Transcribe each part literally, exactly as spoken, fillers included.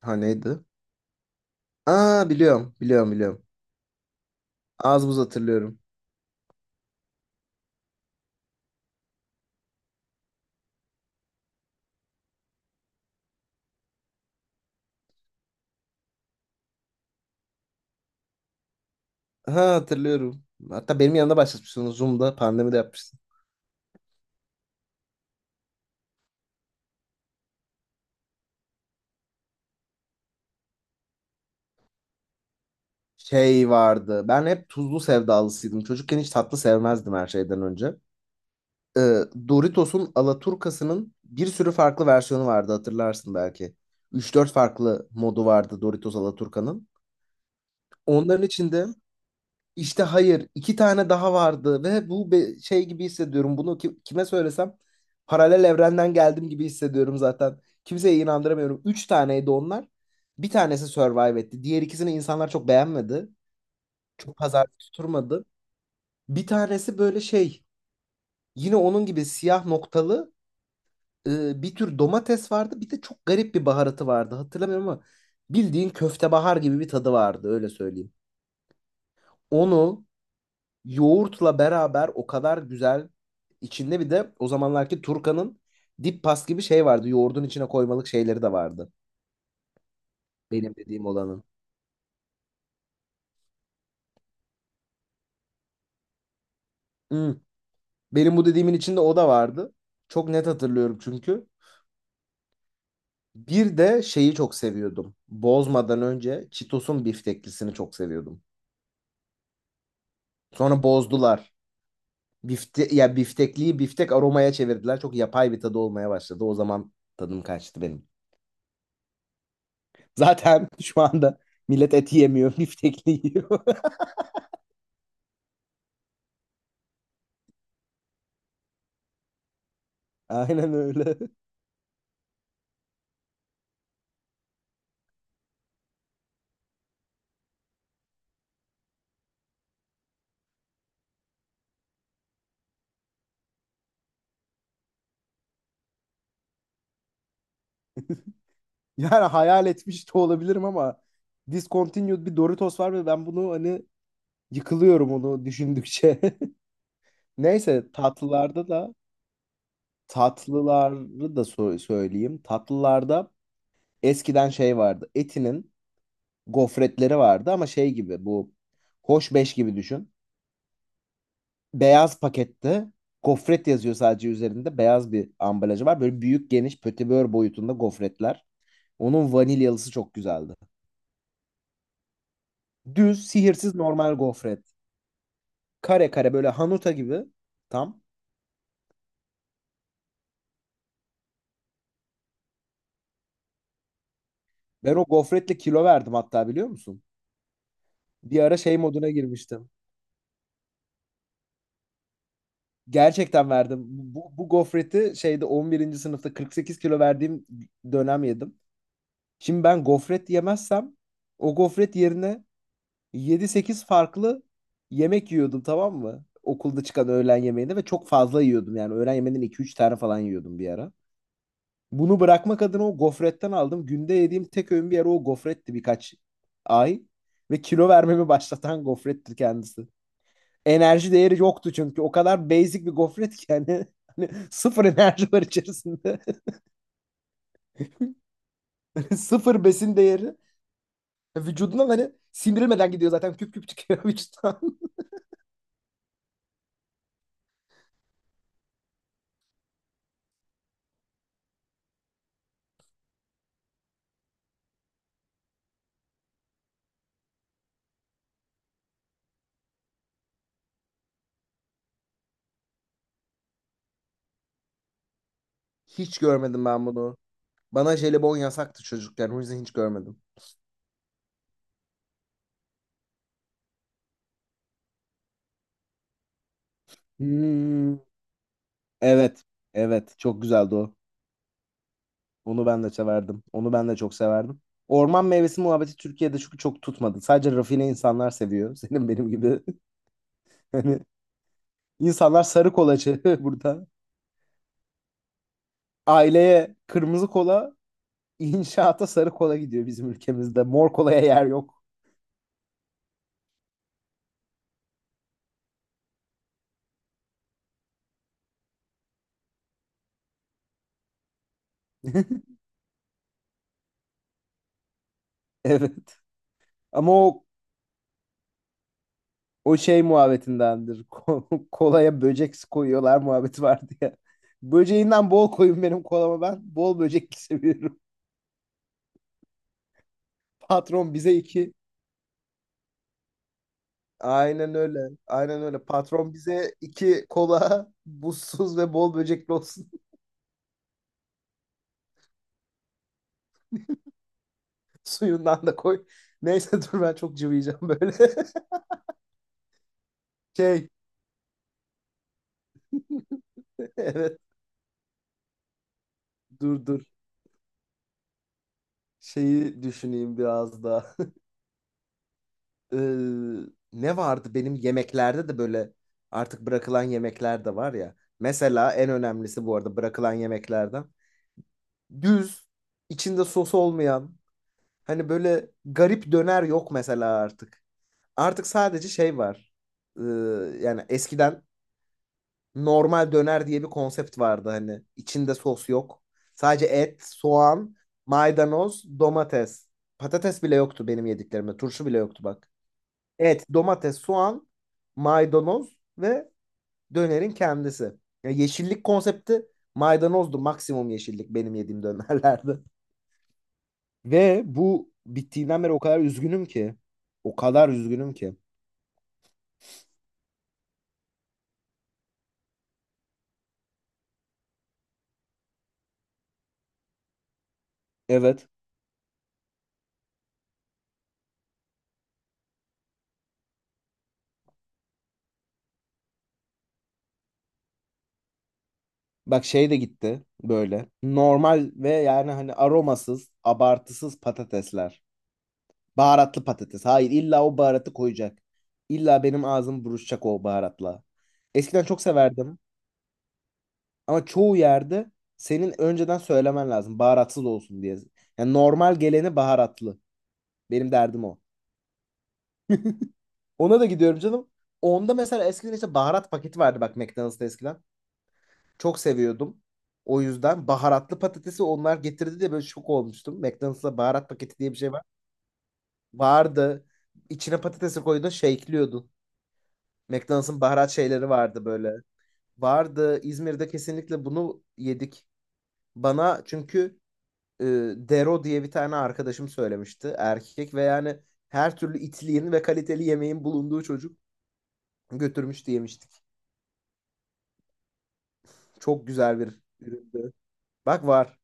Ha neydi? Aa biliyorum, biliyorum, biliyorum. Az buz hatırlıyorum. Ha hatırlıyorum. Hatta benim yanımda başlatmıştın Zoom'da pandemide yapmıştın. Şey vardı. Ben hep tuzlu sevdalısıydım. Çocukken hiç tatlı sevmezdim her şeyden önce. Ee, Doritos'un Alaturkası'nın bir sürü farklı versiyonu vardı, hatırlarsın belki. Üç dört farklı modu vardı Doritos Alaturka'nın. Onların içinde. İşte hayır, iki tane daha vardı ve bu be- şey gibi hissediyorum. Bunu ki- kime söylesem paralel evrenden geldim gibi hissediyorum zaten. Kimseye inandıramıyorum. Üç taneydi onlar. Bir tanesi survive etti. Diğer ikisini insanlar çok beğenmedi. Çok pazar tutturmadı. Bir tanesi böyle şey, yine onun gibi siyah noktalı, e, bir tür domates vardı. Bir de çok garip bir baharatı vardı. Hatırlamıyorum ama bildiğin köftebahar gibi bir tadı vardı, öyle söyleyeyim. Onu yoğurtla beraber o kadar güzel, içinde bir de o zamanlarki Turkan'ın dip pas gibi şey vardı. Yoğurdun içine koymalık şeyleri de vardı. Benim dediğim olanın. Hmm. Benim bu dediğimin içinde o da vardı. Çok net hatırlıyorum çünkü. Bir de şeyi çok seviyordum. Bozmadan önce Cheetos'un bifteklisini çok seviyordum. Sonra bozdular. Bifte, ya biftekliyi biftek aromaya çevirdiler. Çok yapay bir tadı olmaya başladı. O zaman tadım kaçtı benim. Zaten şu anda millet et yemiyor, biftekli yiyor. Aynen öyle. Yani hayal etmiş de olabilirim ama discontinued bir Doritos var ve ben bunu, hani, yıkılıyorum onu düşündükçe. Neyse, tatlılarda da tatlıları da so- söyleyeyim. Tatlılarda eskiden şey vardı. Eti'nin gofretleri vardı ama şey gibi, bu Hoş Beş gibi düşün. Beyaz pakette gofret yazıyor sadece üzerinde. Beyaz bir ambalajı var. Böyle büyük geniş pötibör boyutunda gofretler. Onun vanilyalısı çok güzeldi. Düz, sihirsiz normal gofret. Kare kare, böyle hanuta gibi. Tam. Ben o gofretle kilo verdim hatta, biliyor musun? Bir ara şey moduna girmiştim. Gerçekten verdim. Bu, bu gofreti şeyde on birinci sınıfta kırk sekiz kilo verdiğim dönem yedim. Şimdi ben gofret yemezsem, o gofret yerine yedi sekiz farklı yemek yiyordum, tamam mı? Okulda çıkan öğlen yemeğinde ve çok fazla yiyordum yani. Öğlen yemeğinden iki üç tane falan yiyordum bir ara. Bunu bırakmak adına o gofretten aldım. Günde yediğim tek öğün bir ara o gofretti, birkaç ay. Ve kilo vermemi başlatan gofrettir kendisi. Enerji değeri yoktu çünkü. O kadar basic bir gofret ki yani. Hani sıfır enerji var içerisinde. Sıfır besin değeri. E, Vücudundan hani sindirilmeden gidiyor zaten. Küp küp çıkıyor vücuttan. Hiç görmedim ben bunu. Bana jelibon yasaktı çocukken. O yüzden hiç görmedim. Hmm, evet. Evet. Çok güzeldi o. Onu ben de severdim. Onu ben de çok severdim. Orman meyvesi muhabbeti Türkiye'de çünkü çok tutmadı. Sadece rafine insanlar seviyor. Senin benim gibi. Hani insanlar sarı kolacı burada. Aileye kırmızı kola, inşaata sarı kola gidiyor bizim ülkemizde. Mor kolaya yer yok. Evet. Ama o o şey muhabbetindendir. Ko- Kolaya böcek koyuyorlar muhabbeti vardı ya. Böceğinden bol koyun benim kolama ben. Bol böcekli seviyorum. Patron bize iki Aynen öyle. Aynen öyle. Patron bize iki kola buzsuz ve bol böcekli olsun. Suyundan da koy. Neyse, dur, ben çok cıvıyacağım böyle. Şey evet, dur dur. Şeyi düşüneyim biraz daha. Ee, ne vardı benim yemeklerde de? Böyle artık bırakılan yemekler de var ya. Mesela en önemlisi bu arada bırakılan yemeklerden. Düz, içinde sos olmayan, hani böyle garip döner yok mesela artık. Artık sadece şey var. Ee, yani eskiden normal döner diye bir konsept vardı hani. İçinde sos yok. Sadece et, soğan, maydanoz, domates. Patates bile yoktu benim yediklerimde. Turşu bile yoktu bak. Et, domates, soğan, maydanoz ve dönerin kendisi. Ya, yeşillik konsepti maydanozdu. Maksimum yeşillik benim yediğim dönerlerde. Ve bu bittiğinden beri o kadar üzgünüm ki. O kadar üzgünüm ki. Evet. Bak, şey de gitti böyle. Normal ve yani hani aromasız, abartısız patatesler. Baharatlı patates. Hayır, illa o baharatı koyacak. İlla benim ağzım buruşacak o baharatla. Eskiden çok severdim ama çoğu yerde senin önceden söylemen lazım baharatsız olsun diye. Yani normal geleni baharatlı. Benim derdim o. Ona da gidiyorum canım. Onda mesela eskiden işte baharat paketi vardı bak, McDonald's'ta eskiden. Çok seviyordum. O yüzden baharatlı patatesi onlar getirdi de böyle şok olmuştum. McDonald's'ta baharat paketi diye bir şey var. Vardı. İçine patatesi koydu, shake'liyordun. McDonald's'ın baharat şeyleri vardı böyle. Vardı. İzmir'de kesinlikle bunu yedik. Bana çünkü, e, Dero diye bir tane arkadaşım söylemişti. Erkek ve yani her türlü itliğin ve kaliteli yemeğin bulunduğu çocuk götürmüştü, yemiştik. Çok güzel bir üründü. Bak, var.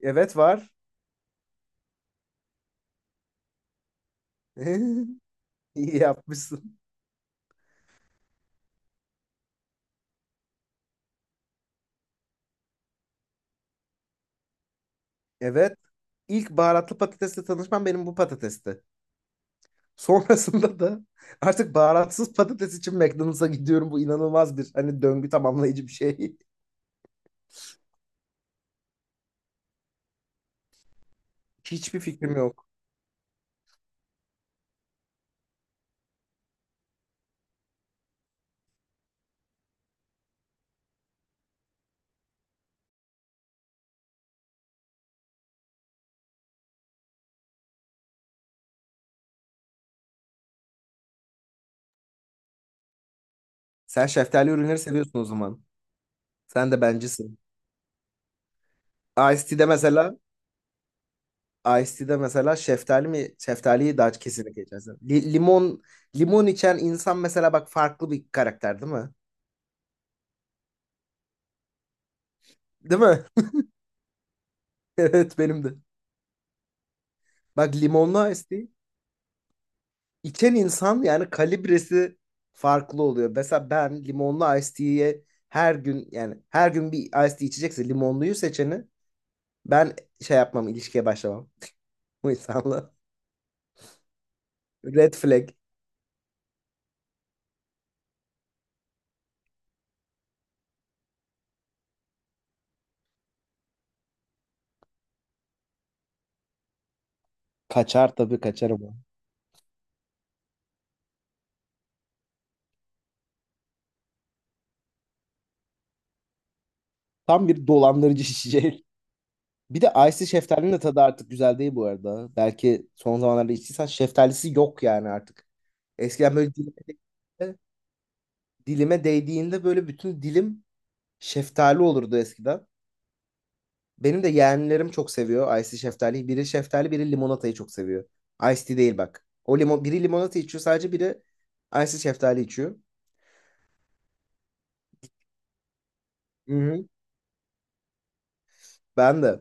Evet var. İyi yapmışsın. Evet. İlk baharatlı patatesle tanışmam benim bu patatesti. Sonrasında da artık baharatsız patates için McDonald's'a gidiyorum. Bu inanılmaz bir, hani, döngü tamamlayıcı bir şey. Hiçbir fikrim yok. Sen şeftali ürünleri seviyorsun o zaman. Sen de bencisin. Iced Tea'de mesela Iced Tea'de mesela şeftali mi şeftaliyi daha kesinlikle içersin. Li- limon limon içen insan mesela, bak, farklı bir karakter değil mi? Değil mi? Evet, benim de. Bak, limonlu Iced Tea İçen insan yani kalibresi farklı oluyor. Mesela ben limonlu iced tea'ye her gün, yani her gün bir iced tea içecekse limonluyu seçeni ben şey yapmam, ilişkiye başlamam. Bu insanla. Red flag. Kaçar tabii, kaçarım ben. Tam bir dolandırıcı içecek. Bir de Icy şeftalinin de tadı artık güzel değil bu arada. Belki son zamanlarda içtiysen, şeftalisi yok yani artık. Eskiden böyle dilime, dilime değdiğinde böyle bütün dilim şeftali olurdu eskiden. Benim de yeğenlerim çok seviyor Icy şeftaliyi. Biri şeftali, biri limonatayı çok seviyor. Ice tea değil bak. O limon, biri limonata içiyor sadece, biri Icy şeftali içiyor. Hı hı. Ben de.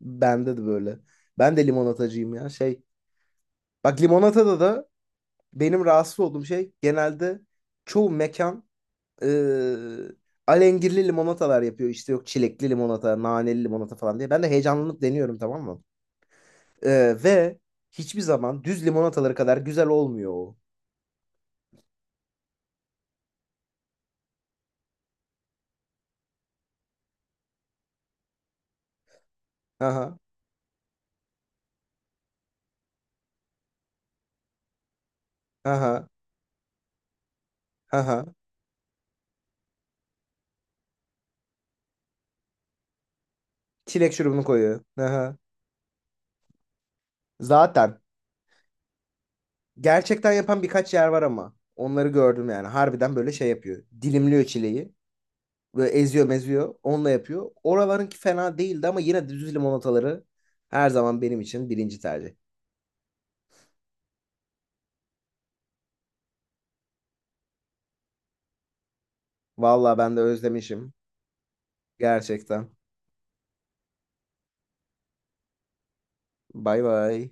Bende de böyle. Ben de limonatacıyım ya. Şey. Bak, limonatada da benim rahatsız olduğum şey genelde, çoğu mekan eee alengirli limonatalar yapıyor. İşte yok çilekli limonata, naneli limonata falan diye. Ben de heyecanlanıp deniyorum, tamam mı? Eee, ve hiçbir zaman düz limonataları kadar güzel olmuyor o. Aha. Aha, aha. Çilek şurubunu koyuyor. Aha. Zaten. Gerçekten yapan birkaç yer var ama. Onları gördüm yani. Harbiden böyle şey yapıyor. Dilimliyor çileği. Böyle eziyor meziyor. Onunla yapıyor. Oralarınki fena değildi ama yine düz limonataları her zaman benim için birinci tercih. Vallahi ben de özlemişim. Gerçekten. Bay bay.